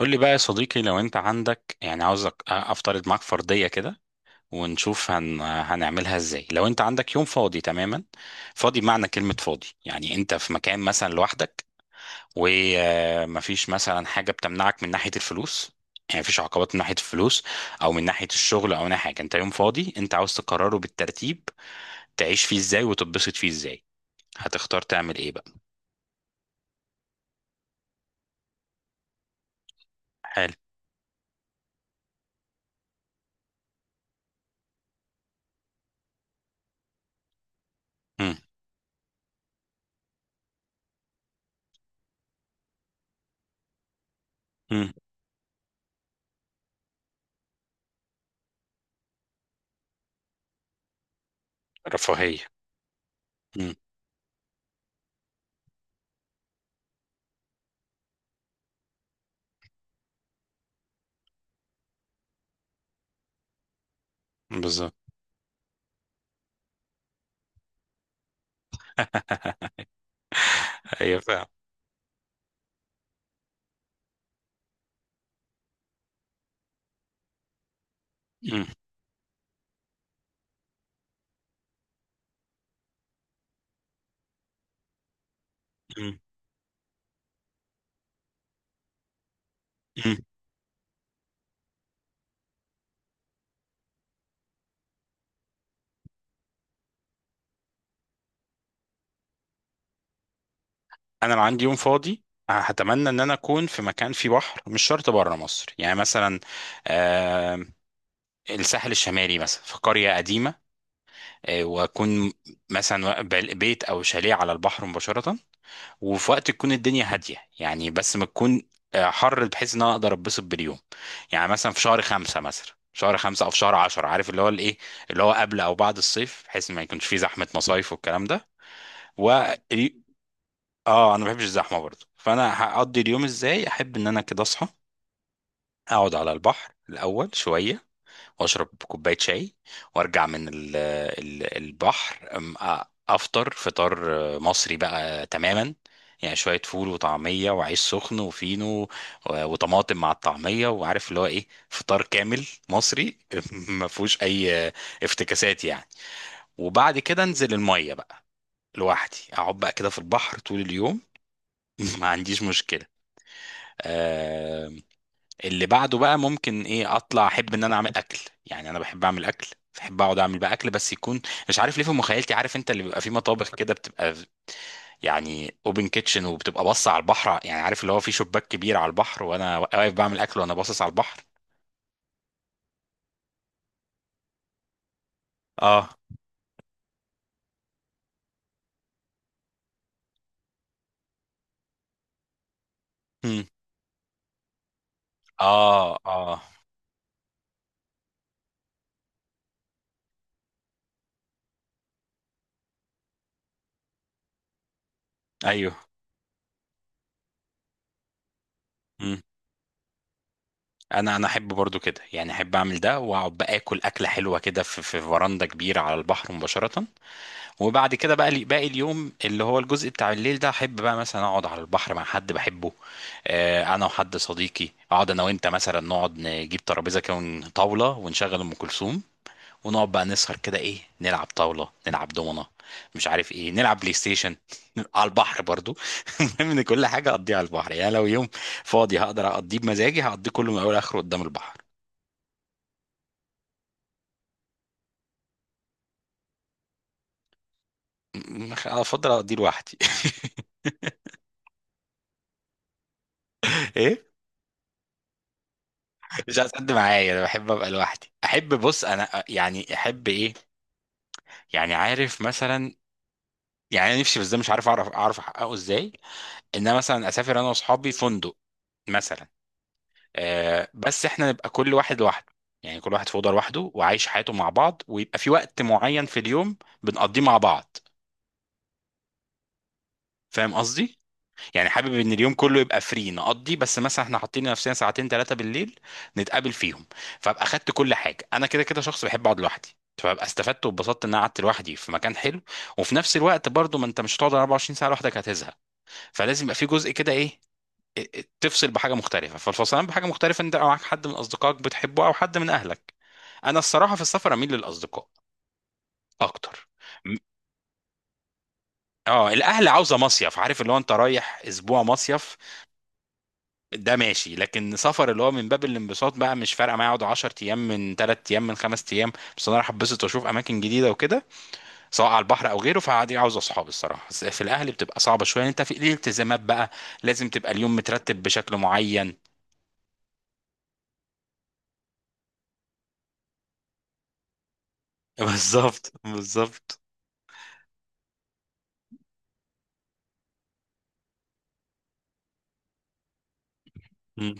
قول لي بقى يا صديقي، لو انت عندك، يعني عاوزك افترض معاك فرضية كده ونشوف هنعملها ازاي. لو انت عندك يوم فاضي تماما، فاضي بمعنى كلمة فاضي، يعني انت في مكان مثلا لوحدك ومفيش مثلا حاجة بتمنعك من ناحية الفلوس، يعني مفيش عقبات من ناحية الفلوس او من ناحية الشغل او من ناحية حاجة، انت يوم فاضي انت عاوز تقرره بالترتيب تعيش فيه ازاي وتتبسط فيه ازاي، هتختار تعمل ايه بقى؟ حلو. امم امم رفاهية. امم بالظبط. هي فعلا. مم. انا لو عندي يوم فاضي، هتمنى ان انا اكون في مكان فيه بحر، مش شرط بره مصر، يعني مثلا آه، الساحل الشمالي مثلا، في قرية قديمة، واكون مثلا بيت او شاليه على البحر مباشرة، وفي وقت تكون الدنيا هادية يعني، بس ما تكون حر، بحيث ان انا اقدر اتبسط باليوم. يعني مثلا في شهر خمسة، مثلا شهر خمسة أو في شهر عشرة، عارف اللي هو الإيه، اللي هو قبل أو بعد الصيف، بحيث ما يكونش فيه زحمة مصايف والكلام ده. اه انا ما بحبش الزحمه برضه، فانا هقضي اليوم ازاي؟ احب ان انا كده اصحى، اقعد على البحر الاول شويه، واشرب كوبايه شاي، وارجع من ال البحر، افطر فطار مصري بقى تماما، يعني شويه فول وطعميه وعيش سخن وفينو وطماطم مع الطعميه، وعارف اللي هو ايه، فطار كامل مصري ما فيهوش اي افتكاسات يعني. وبعد كده انزل الميه بقى لوحدي، اقعد بقى كده في البحر طول اليوم. ما عنديش مشكله. آه، اللي بعده بقى ممكن ايه، اطلع احب ان انا اعمل اكل، يعني انا بحب اعمل اكل، بحب اقعد اعمل بقى اكل، بس يكون، مش عارف ليه في مخيلتي، عارف انت اللي بيبقى في مطابخ كده بتبقى يعني اوبن كيتشن، وبتبقى باصه على البحر، يعني عارف اللي هو، في شباك كبير على البحر وانا واقف بعمل اكل وانا باصص على البحر. اه. مم. اه اه. ايوه. مم. انا احب برضو كده، يعني احب اعمل ده واقعد باكل اكله حلوه كده، في فراندا كبيره على البحر مباشره. وبعد كده بقى باقي اليوم، اللي هو الجزء بتاع الليل ده، احب بقى مثلا اقعد على البحر مع حد بحبه، انا وحد صديقي، اقعد انا وانت مثلا، نقعد نجيب ترابيزه كده طاوله، ونشغل ام كلثوم، ونقعد بقى نسهر كده ايه، نلعب طاوله، نلعب دومنه، مش عارف ايه، نلعب بلاي ستيشن على البحر برضو. المهم ان كل حاجه اقضيها على البحر، يعني لو يوم فاضي هقدر اقضيه بمزاجي، هقضيه كله من اول لاخره قدام البحر. م- افضل اقضيه لوحدي. ايه، مش عايز حد معايا، انا بحب ابقى لوحدي، احب، بص انا يعني احب ايه، يعني عارف مثلا، يعني انا نفسي بس ده مش عارف اعرف احققه ازاي، ان انا مثلا اسافر انا واصحابي فندق مثلا، آه، بس احنا نبقى كل واحد لوحده، يعني كل واحد في اوضه لوحده وعايش حياته مع بعض، ويبقى في وقت معين في اليوم بنقضيه مع بعض، فاهم قصدي؟ يعني حابب ان اليوم كله يبقى فري نقضي، بس مثلا احنا حاطين لنفسنا ساعتين ثلاثه بالليل نتقابل فيهم. فابقى خدت كل حاجه، انا كده كده شخص بحب اقعد لوحدي، فببقى استفدت واتبسطت ان انا قعدت لوحدي في مكان حلو، وفي نفس الوقت برضو، ما انت مش هتقعد 24 ساعه لوحدك، هتزهق، فلازم يبقى في جزء كده ايه، إيه- إيه، تفصل بحاجه مختلفه، فالفصلان بحاجه مختلفه انت معاك حد من اصدقائك بتحبه او حد من اهلك. انا الصراحه في السفر اميل للاصدقاء اكتر. م- اه الاهل عاوزه مصيف، عارف اللي هو انت رايح اسبوع مصيف، ده ماشي، لكن سفر اللي هو من باب الانبساط بقى، مش فارقه معايا اقعد 10 ايام من 3 ايام من 5 ايام، بس انا رايح اتبسط واشوف اماكن جديده وكده، سواء على البحر او غيره، فعادي عاوز اصحابي الصراحه، بس في الاهل بتبقى صعبه شويه، انت في ليه التزامات بقى، لازم تبقى اليوم مترتب بشكل معين. بالظبط بالظبط. مم.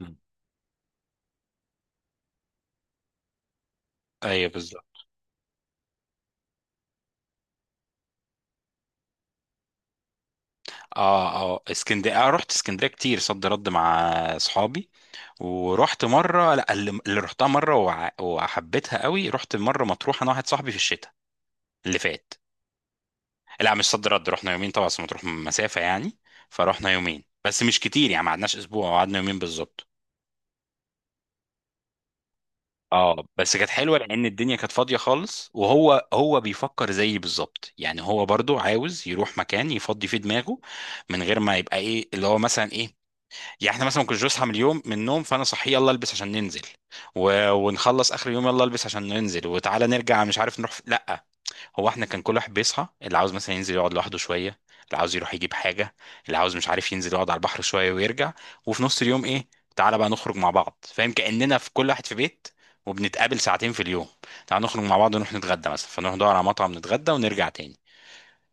مم. ايوه بالظبط. اه اه، اسكندريه، آه، رحت اسكندريه كتير صد رد مع اصحابي، ورحت مره، لا، اللي رحتها مره وحبيتها قوي، رحت مره مطروح انا واحد صاحبي في الشتاء اللي فات. لا مش صد رد، رحنا يومين طبعا عشان مطروح مسافة يعني، فرحنا يومين بس مش كتير، يعني ما قعدناش اسبوع، قعدنا يومين بالظبط. اه بس كانت حلوة لان الدنيا كانت فاضية خالص، وهو بيفكر زيي بالظبط، يعني هو برضو عاوز يروح مكان يفضي فيه دماغه، من غير ما يبقى ايه اللي هو مثلا ايه، يعني احنا مثلا ما كناش بنصحى من اليوم من النوم فانا صحي يلا البس عشان ننزل ونخلص اخر يوم يلا البس عشان ننزل وتعالى نرجع، مش عارف نروح لا، هو احنا كان كل واحد بيصحى، اللي عاوز مثلا ينزل يقعد لوحده شويه، اللي عاوز يروح يجيب حاجه، اللي عاوز مش عارف ينزل يقعد على البحر شويه ويرجع، وفي نص اليوم ايه، تعالى بقى نخرج مع بعض، فاهم، كاننا في كل واحد في بيت وبنتقابل ساعتين في اليوم، تعالى نخرج مع بعض ونروح نتغدى مثلا، فنروح ندور على مطعم نتغدى ونرجع تاني،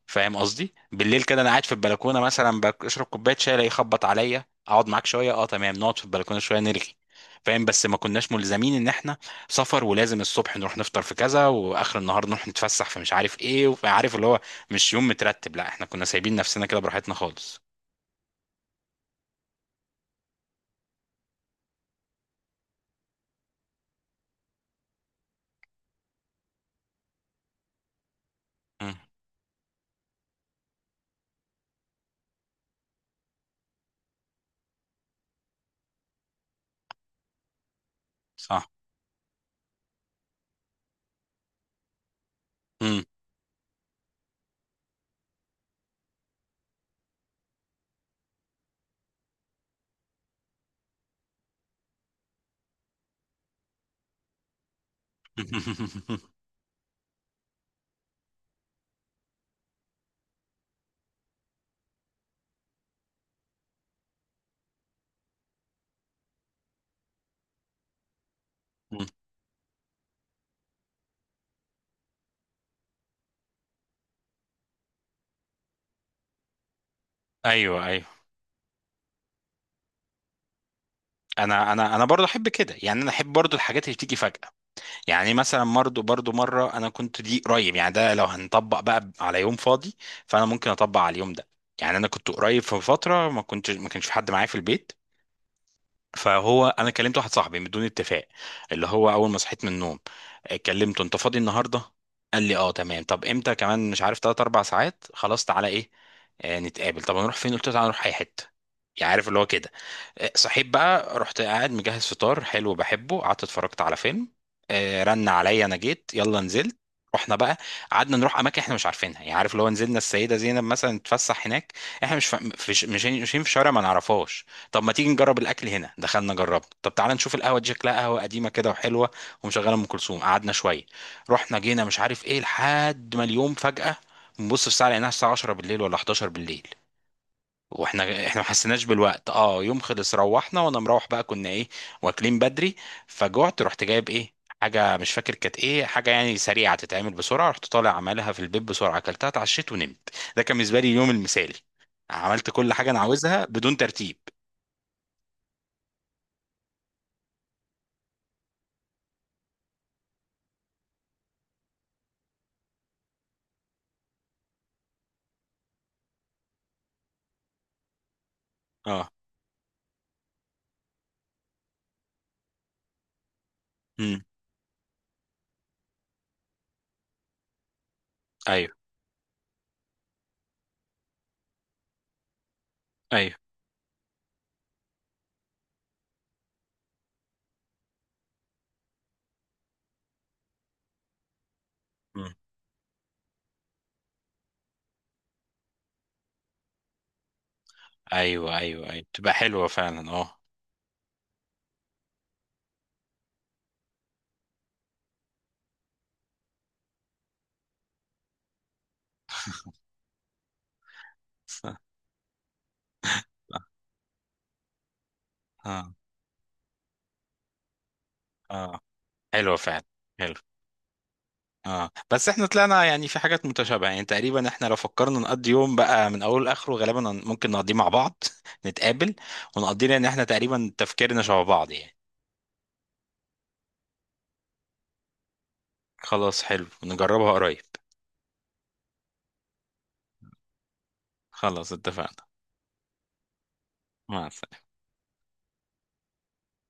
فاهم قصدي، بالليل كده انا قاعد في البلكونه مثلا بشرب كوبايه شاي الاقيه يخبط عليا، اقعد معاك شويه، اه تمام، نقعد في البلكونه شويه نرغي، فاهم، بس ما كناش ملزمين ان احنا سفر ولازم الصبح نروح نفطر في كذا واخر النهار نروح نتفسح في مش عارف ايه، وعارف اللي هو مش يوم مترتب، لا احنا كنا سايبين نفسنا كده براحتنا خالص. مم. صح. مم. مم. ايوه ايوه. انا برضه احب كده، يعني انا احب برضه الحاجات اللي بتيجي فجأة، يعني مثلا برضه مره انا كنت دي قريب، يعني ده لو هنطبق بقى على يوم فاضي، فانا ممكن اطبق على اليوم ده، يعني انا كنت قريب في فتره، ما كنتش، ما كانش في حد معايا في البيت، فهو انا كلمت واحد صاحبي بدون اتفاق، اللي هو اول ما صحيت من النوم، كلمته، انت فاضي النهارده؟ قال لي اه تمام، طب امتى؟ كمان مش عارف 3 4 ساعات، خلاص تعالى ايه نتقابل، طب هنروح فين؟ قلت له تعالى نروح اي حته، يعني عارف اللي هو كده، صحيت بقى، رحت قاعد مجهز فطار حلو بحبه، قعدت اتفرجت على فيلم، رن عليا، انا جيت يلا، نزلت، رحنا بقى، قعدنا نروح اماكن احنا مش عارفينها، يعني عارف اللي هو نزلنا السيده زينب مثلا نتفسح هناك، احنا مش في شارع ما نعرفهاش، طب ما تيجي نجرب الاكل هنا، دخلنا جربنا، طب تعالى نشوف القهوه دي، شكلها قهوه قديمه كده وحلوه ومشغله ام كلثوم، قعدنا شويه، رحنا جينا مش عارف ايه، لحد ما اليوم فجاه نبص في الساعه لقيناها الساعه 10 بالليل ولا 11 بالليل، واحنا ما حسيناش بالوقت. اه يوم خلص، روحنا وانا مروح بقى، كنا ايه واكلين بدري، فجعت، رحت جايب ايه، حاجه مش فاكر كانت ايه، حاجه يعني سريعه تتعمل بسرعه، رحت طالع عملها في البيت بسرعه، اكلتها، اتعشيت ونمت. ده كان بالنسبه لي اليوم المثالي، عملت كل حاجه انا عاوزها بدون ترتيب. اه ايوه ايوه. مم. ايوه ايوه ايوه تبقى حلوه فعلا. اه اه اه، حلوه فعلا. حلو. اه بس احنا طلعنا يعني في حاجات متشابهه يعني تقريبا، احنا لو فكرنا نقضي يوم بقى من اوله لاخره، غالبا ممكن نقضيه مع بعض، نتقابل ونقضيه، لان احنا تقريبا تفكيرنا شبه بعض يعني. خلاص حلو نجربها قريب. خلاص اتفقنا. مع السلامه.